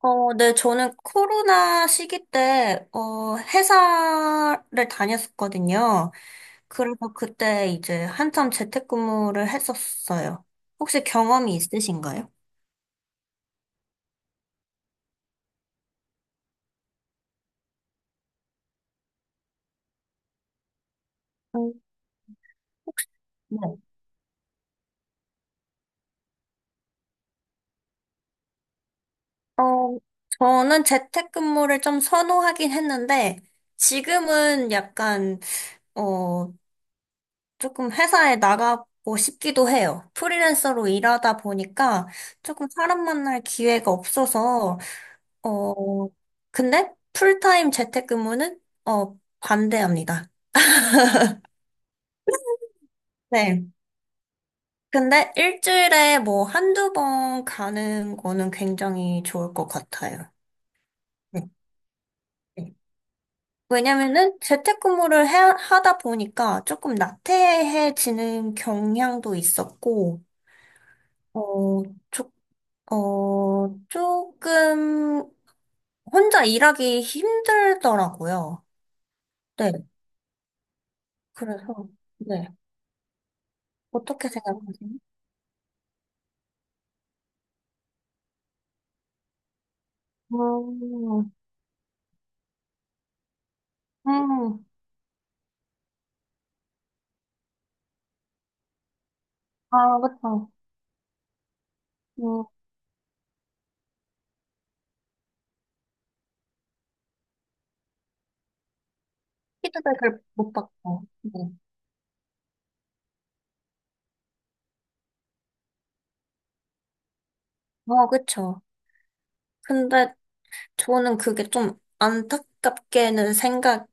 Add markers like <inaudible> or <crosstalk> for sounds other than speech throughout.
네, 저는 코로나 시기 때, 회사를 다녔었거든요. 그래서 그때 이제 한참 재택근무를 했었어요. 혹시 경험이 있으신가요? 음, 네. 어, 저는 재택근무를 좀 선호하긴 했는데, 지금은 약간, 어, 조금 회사에 나가고 싶기도 해요. 프리랜서로 일하다 보니까 조금 사람 만날 기회가 없어서, 어, 근데 풀타임 재택근무는 반대합니다. 네. 근데 일주일에 뭐 한두 번 가는 거는 굉장히 좋을 것 같아요. 네. 네. 왜냐면은 재택근무를 하다 보니까 조금 나태해지는 경향도 있었고, 어, 조, 조금 혼자 일하기 힘들더라고요. 네. 그래서, 네. 어떻게 생각하세요? 어, 음, 아, 그쵸. 음, 피드백을 못 받고. 네. 어, 그쵸. 근데 저는 그게 좀 안타깝게는 생각,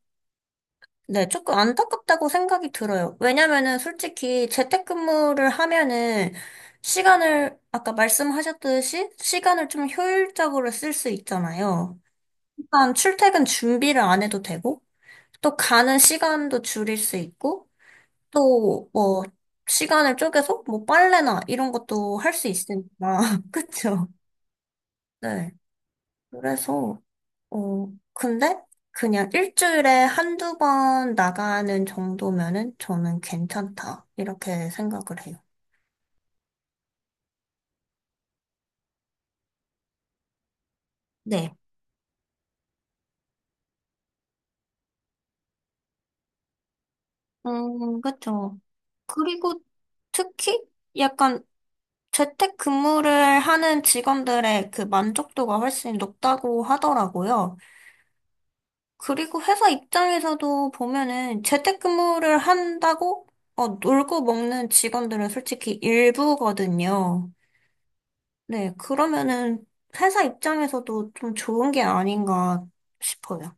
네, 조금 안타깝다고 생각이 들어요. 왜냐면은 솔직히 재택근무를 하면은 시간을, 아까 말씀하셨듯이 시간을 좀 효율적으로 쓸 수 있잖아요. 일단 출퇴근 준비를 안 해도 되고, 또 가는 시간도 줄일 수 있고, 또, 뭐, 시간을 쪼개서, 뭐, 빨래나 이런 것도 할 수 있으니까. <laughs> 그쵸? 네. 그래서, 어, 근데, 그냥 일주일에 한두 번 나가는 정도면은 저는 괜찮다. 이렇게 생각을 해요. 네. 그쵸. 그리고 특히 약간 재택근무를 하는 직원들의 그 만족도가 훨씬 높다고 하더라고요. 그리고 회사 입장에서도 보면은 재택근무를 한다고 놀고 먹는 직원들은 솔직히 일부거든요. 네, 그러면은 회사 입장에서도 좀 좋은 게 아닌가 싶어요.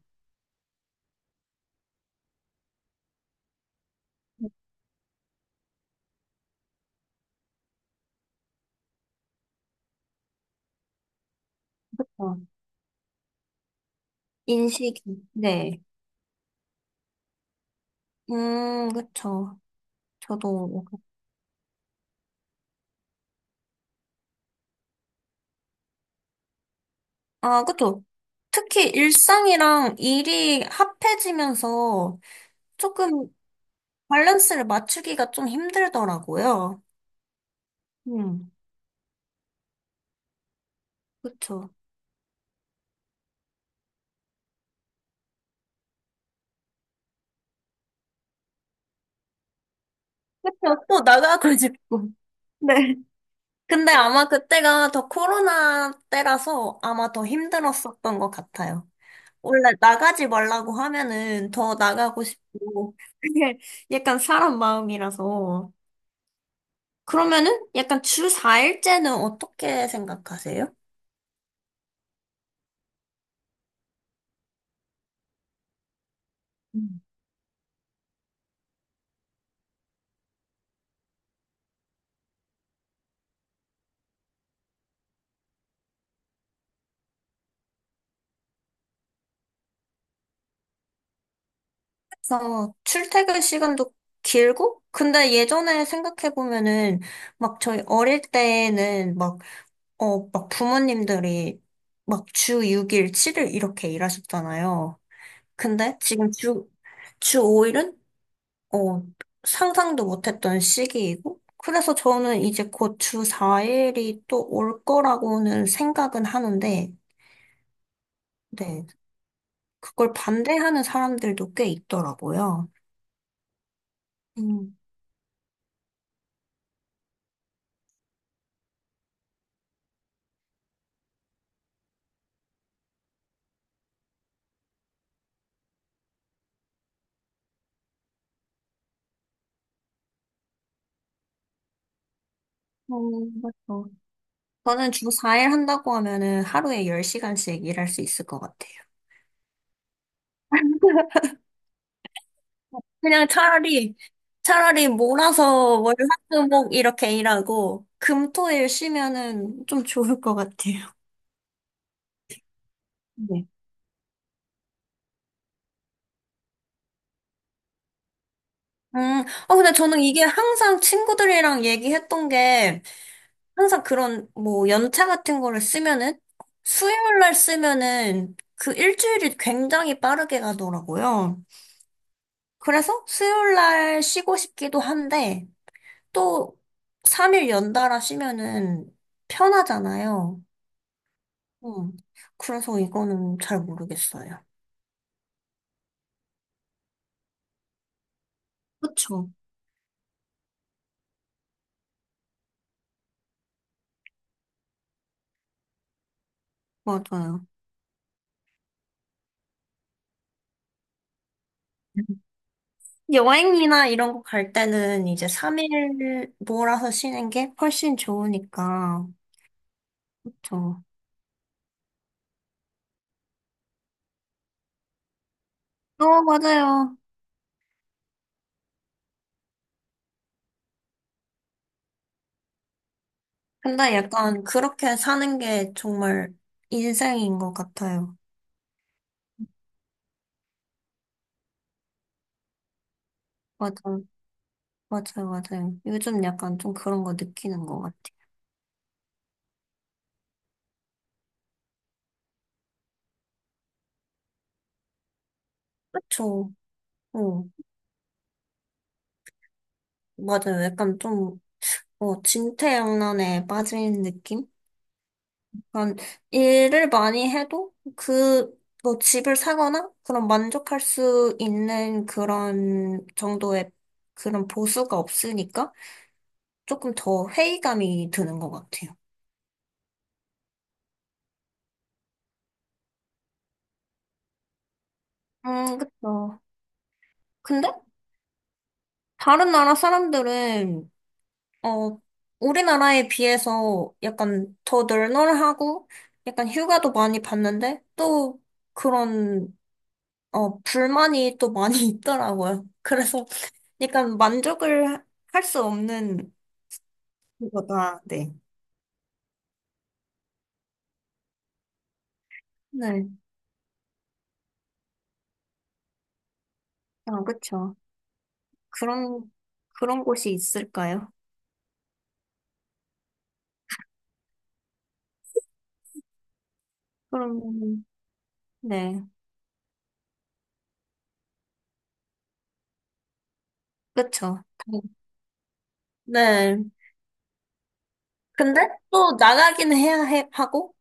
어, 인식이. 네. 그쵸. 저도. 아, 그쵸. 특히 일상이랑 일이 합해지면서 조금 밸런스를 맞추기가 좀 힘들더라고요. 음, 그쵸. 그쵸, 또 나가고 싶고. 네. 근데 아마 그때가 더 코로나 때라서 아마 더 힘들었었던 것 같아요. 원래 나가지 말라고 하면은 더 나가고 싶고, 그게 약간 사람 마음이라서. 그러면은 약간 주 4일째는 어떻게 생각하세요? 음. 그래서 출퇴근 시간도 길고, 근데 예전에 생각해보면은 막 저희 어릴 때는 막 막 부모님들이 막 주 6일, 7일 이렇게 일하셨잖아요. 근데 지금 주 5일은, 어, 상상도 못했던 시기이고, 그래서 저는 이제 곧 주 4일이 또 올 거라고는 생각은 하는데, 네, 그걸 반대하는 사람들도 꽤 있더라고요. 음, 맞죠. 저는 주 4일 한다고 하면은 하루에 10시간씩 일할 수 있을 것 같아요. 그냥 차라리 몰아서 월화수목 이렇게 일하고, 금토일 쉬면은 좀 좋을 것 같아요. 네. 근데 저는 이게 항상 친구들이랑 얘기했던 게, 항상 그런, 뭐, 연차 같은 거를 쓰면은, 수요일 날 쓰면은, 그 일주일이 굉장히 빠르게 가더라고요. 그래서 수요일 날 쉬고 싶기도 한데, 또, 3일 연달아 쉬면은 편하잖아요. 음. 그래서 이거는 잘 모르겠어요. 그쵸? 맞아요. 여행이나 이런 거 갈 때는 이제 3일 몰아서 쉬는 게 훨씬 좋으니까. 그쵸. 맞아요. 근데 약간 그렇게 사는 게 정말 인생인 것 같아요. 맞아요. 맞아요. 맞아요. 요즘 약간 좀 그런 거 느끼는 것 같아요. 그쵸. 어, 맞아요. 약간 좀, 진퇴양난에 빠진 느낌? 그런 일을 많이 해도 그, 뭐 집을 사거나 그런 만족할 수 있는 그런 정도의 그런 보수가 없으니까 조금 더 회의감이 드는 것 같아요. 그쵸. 근데 다른 나라 사람들은, 어, 우리나라에 비해서 약간 더 널널하고 약간 휴가도 많이 받는데 또 그런, 불만이 또 많이 <laughs> 있더라고요. 그래서 약간 만족을 할 수 없는 거다. 네. 네. 아, 그쵸. 그런, 그런 곳이 있을까요? 그럼, 네. 그쵸. 네. 근데 또 나가긴 해야 하고,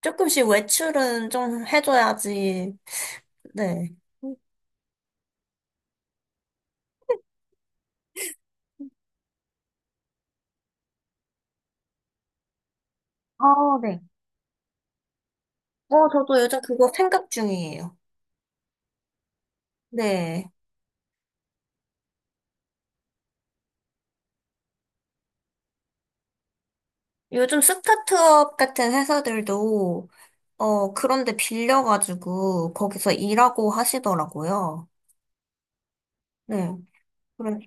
조금씩 외출은 좀 해줘야지. 네. 아, 네. 저도 요즘 그거 생각 중이에요. 네. 요즘 스타트업 같은 회사들도, 그런데 빌려가지고 거기서 일하고 하시더라고요. 네. 그래서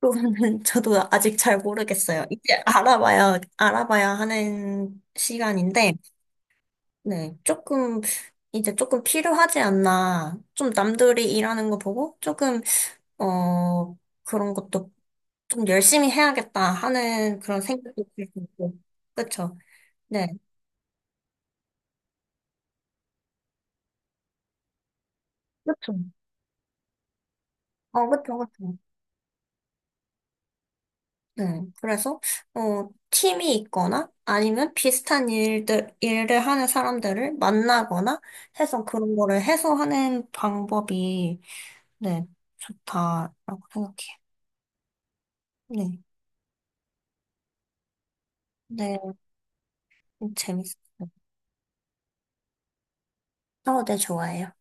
그거는 <laughs> 저도 아직 잘 모르겠어요. 이제 알아봐야 하는 시간인데, 네. 조금, 이제 조금 필요하지 않나. 좀 남들이 일하는 거 보고, 조금, 어, 그런 것도 좀 열심히 해야겠다 하는 그런 생각도 들고, 그쵸. 네. 그쵸. 그쵸, 그쵸. 네, 그래서, 팀이 있거나 아니면 비슷한 일들, 일을 하는 사람들을 만나거나 해서 그런 거를 해소하는 방법이, 네, 좋다라고 생각해요. 네, 네, 재밌어요. 네, 좋아해요.